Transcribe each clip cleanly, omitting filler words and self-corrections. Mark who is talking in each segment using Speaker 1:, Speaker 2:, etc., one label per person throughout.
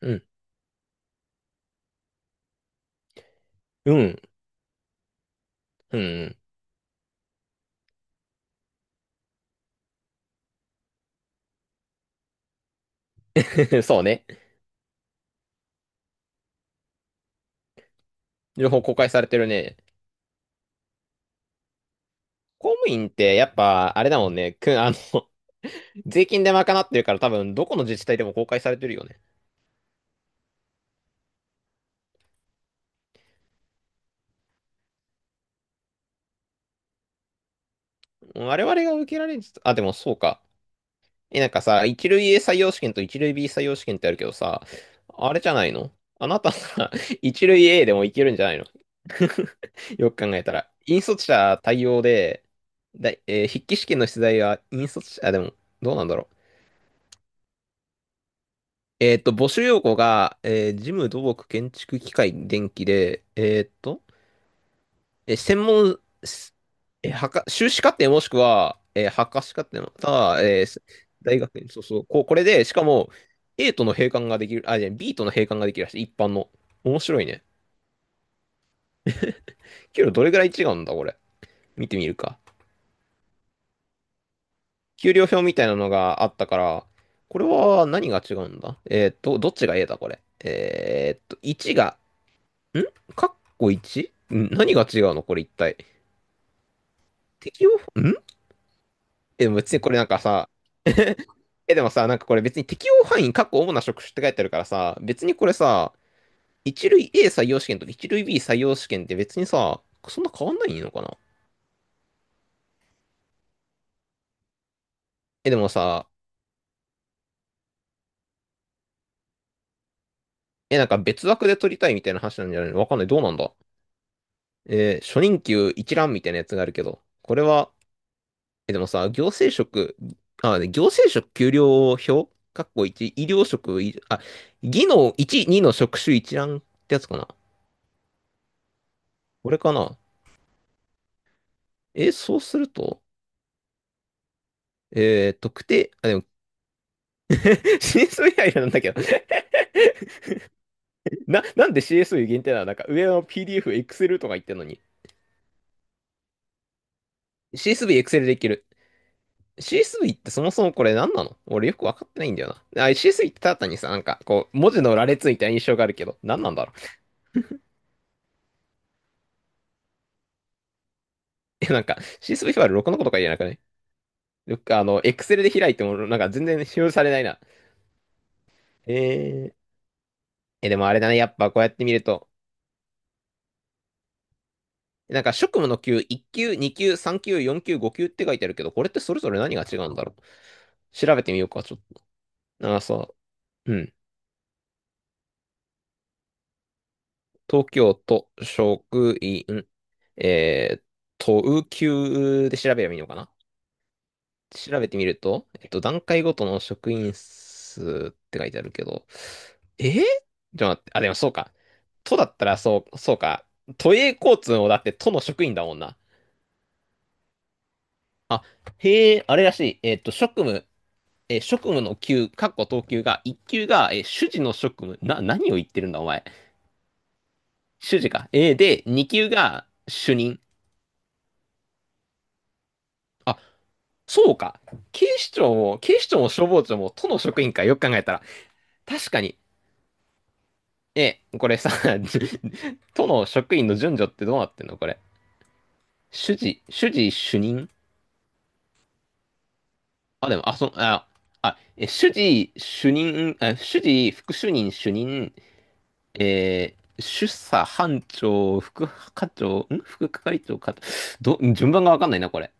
Speaker 1: うん。うん。うんうんうん。 そうね。情報公開されてるね。公務員ってやっぱ、あれだもんね。税金で賄ってるから多分、どこの自治体でも公開されてるよね。我々が受けられる、あ、でもそうか。え、なんかさ、一類 A 採用試験と一類 B 採用試験ってあるけどさ、あれじゃないの？あなたさ、一類 A でもいけるんじゃないの？ よく考えたら。引率者対応で、だい、えー筆記試験の出題は引率者、あ、でも、どうなんだろう。募集要項が、事務、土木、建築、機械、電気で、専門、すえー博修士課程もしくは、博士課程の、ただ、えーす大学院、そうそう、こう、これで、しかも、A との閉館ができる、あ、じゃあ B との閉館ができるらしい、一般の。面白いね。給料どれぐらい違うんだ、これ。見てみるか。給料表みたいなのがあったから、これは何が違うんだ？どっちが A だ、これ。1がんかっこ 1？ 何が違うのこれ一体。適用、んえ、でも別にこれなんかさ、え、でもさ、なんかこれ別に適用範囲、かっこ主な職種って書いてあるからさ、別にこれさ、一類 A 採用試験と一類 B 採用試験って別にさ、そんな変わんないのかな？え、でもさ、え、なんか別枠で取りたいみたいな話なんじゃないの？わかんない。どうなんだ？初任給一覧みたいなやつがあるけど、これは？え、でもさ、行政職、あ、ね、行政職給料表かっこいち医療職、技能1、2の職種一覧ってやつかな。これかな。え、そうすると、特定、あ、でも CSV アイなんだけど、なんで CSV 限定なの？なんか上の PDF、Excel とか言ってんのに。CSV、Excel でいける。CSV ってそもそもこれ何なの？俺よくわかってないんだよな。あ、CSV ってただ単にさ、なんかこう、文字の羅列みたいな印象があるけど、何なんだろう。え、なんか CSV ファイル6のことか言えなくない？よくエクセルで開いても、なんか全然使用されないな。えー、え、でもあれだね。やっぱこうやって見ると、なんか職務の級、1級、2級、3級、4級、5級って書いてあるけど、これってそれぞれ何が違うんだろう。調べてみようか、ちょっと。あ、そう。うん。東京都職員、えー、都級で調べればいいのかな？調べてみると、えっと、段階ごとの職員数って書いてあるけど、えーちょっと待って、あ、でもそうか。都だったらそう、そうか。都営交通もだって都の職員だもんな。あ、へえ、あれらしい。えっと、職務、職務の級、かっこ等級が、1級が、主事の職務。何を言ってるんだ、お前。主事か。で、2級が主任。あ、そうか。警視庁も、警視庁も消防庁も都の職員か、よく考えたら。確かに、え、これさ、都の職員の順序ってどうなってんのこれ。主事、主事主任、あ、でも、あ、そ、あ、あ、え、主事主任、あ、主事副主任主任、主査班長、副課長、副係長か、順番がわかんないな、これ。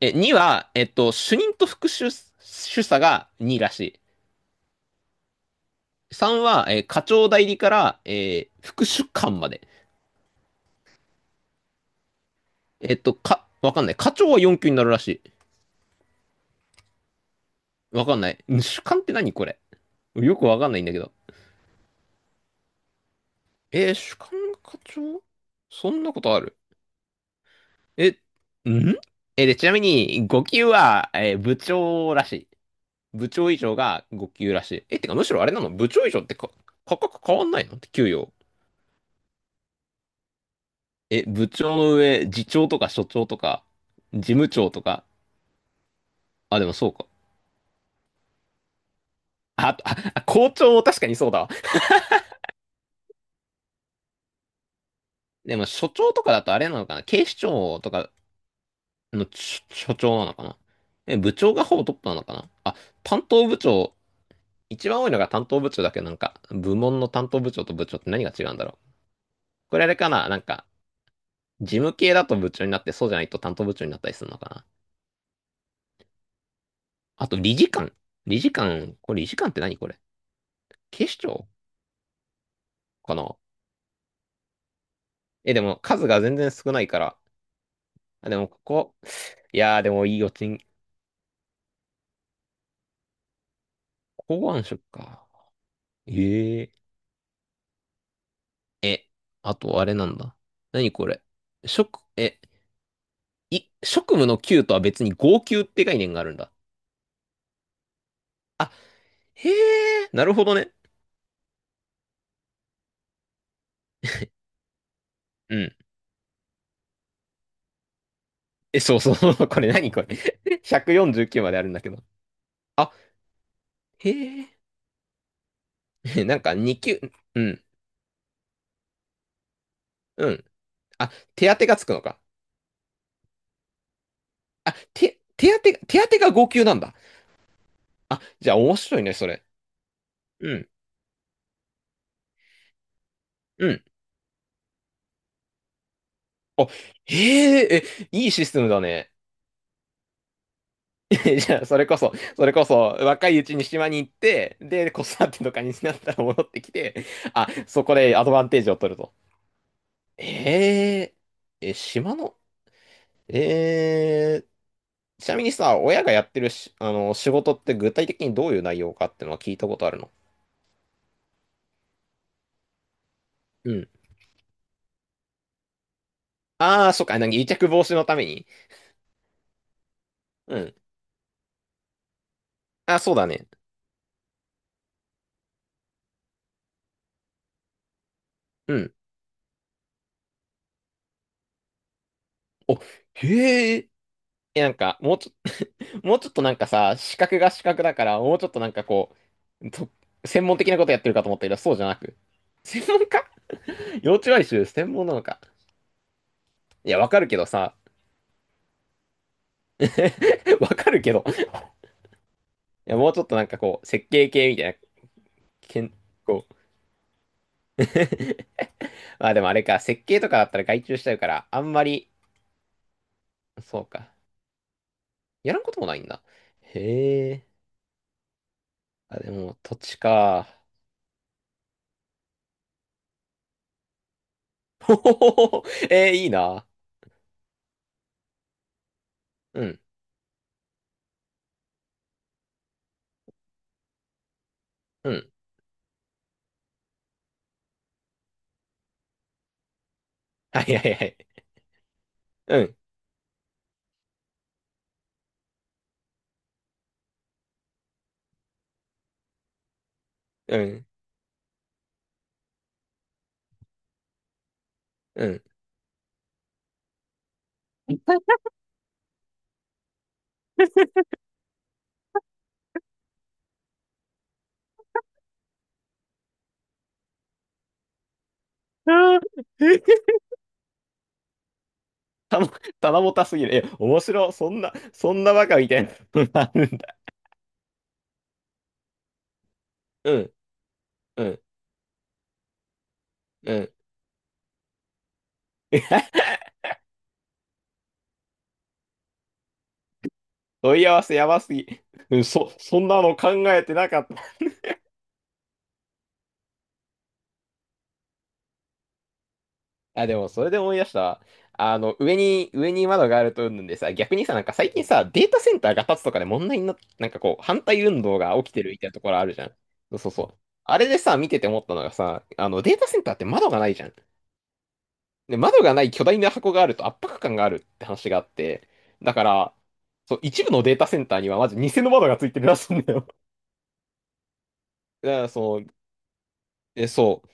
Speaker 1: え、2は、えっと、主任と副主、主査が2らしい。3は、課長代理から、副主幹まで。えっと、わかんない。課長は4級になるらしい。わかんない。主幹って何これ。よくわかんないんだけど。主幹課長そんなことある？え、んえーで、ちなみに、5級は、部長らしい。部長以上が5級らしい。え、てか、むしろあれなの？部長以上ってか、価格変わんないのって給与。え、部長の上、次長とか所長とか、事務長とか。あ、でもそうか。あ校長確かにそうだわ。でも、所長とかだとあれなのかな？警視庁とかの所長なのかな？え、部長がほぼトップなのかな、あ、担当部長、一番多いのが担当部長だけど、なんか、部門の担当部長と部長って何が違うんだろう？これあれかな、なんか、事務系だと部長になって、そうじゃないと担当部長になったりするのかな？あと、理事官。理事官、これ理事官って何これ。警視庁かな？え、でも数が全然少ないから。あ、でもここ、でもいいよ、公安職か。えええ、あとあれなんだ。何これ。職、え、い、職務の給とは別に号給って概念があるんだ。あ、へえ、なるほどね。うん。え、そうそう、これ何これ。 149まであるんだけど。あ、へえ。なんか2級、うん、うん。あ、手当がつくのか。あ、手当が、手当が号級なんだ。あ、じゃあ面白いね、それ。うん、うん。あ、へえ、え、いいシステムだね。じゃあ、それこそ、それこそ、若いうちに島に行って、で、子育てとかになったら戻ってきて、あ、そこでアドバンテージを取ると。え島の、えちなみにさ、親がやってるし、あの、仕事って具体的にどういう内容かってのは聞いたことあるの？うん。ああ、そっか、なんか癒着防止のために。うん。あ、そうだね。うん。お、へえ。え、なんか、もうちょっとなんかさ、資格が資格だから、もうちょっとなんかこう、専門的なことやってるかと思ったけど、そうじゃなく。専門家？ 幼稚外周専門なのか。いや、わかるけどさ、わかるけど。いや、もうちょっとなんかこう、設計系みたいな、けん、こう。まあでもあれか、設計とかだったら外注しちゃうから、あんまり、そうか。やらんこともないんだ。へえ。あ、でも、土地か。ほほほほ。いいな。うん、うん。はいはいはい。うん、うん、うん。あー、棚ぼたすぎる。え、面白い。そんな、そんなバカみたいなのがあるんだ。うん、うん、うん。問い合わせやばすぎ。うん、そんなの考えてなかった。あ、でもそれで思い出したわ。上に窓があるとうんぬんでさ、逆にさ、なんか最近さ、データセンターが建つとかで問題になっなんかこう、反対運動が起きてるみたいなところあるじゃん。そうそうそう。あれでさ、見てて思ったのがさ、データセンターって窓がないじゃん。で、窓がない巨大な箱があると圧迫感があるって話があって、だから、そう、一部のデータセンターにはまず偽の窓がついてるらしいんだよ。だから、そう、え、そう、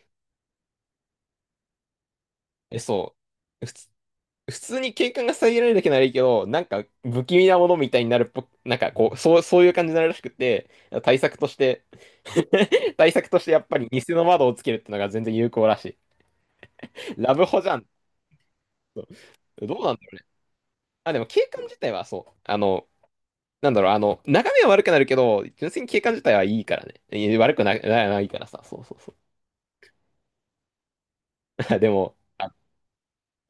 Speaker 1: え、そう、普通、普通に景観が遮られるだけならいいけど、なんか不気味なものみたいになるっぽく、なんかこう、そう、そういう感じになるらしくて、対策として 対策としてやっぱり偽の窓をつけるってのが全然有効らしい。ラブホじゃん。そう、どうなんだろうね。あ、でも景観自体はそう、なんだろう、眺めは悪くなるけど、純粋に景観自体はいいからね。い悪くな、な、ないからさ、そうそうそう。でも、あ、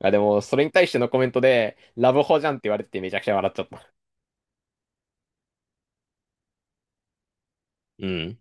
Speaker 1: あでも、それに対してのコメントで、ラブホじゃんって言われててめちゃくちゃ笑っちゃった。うん。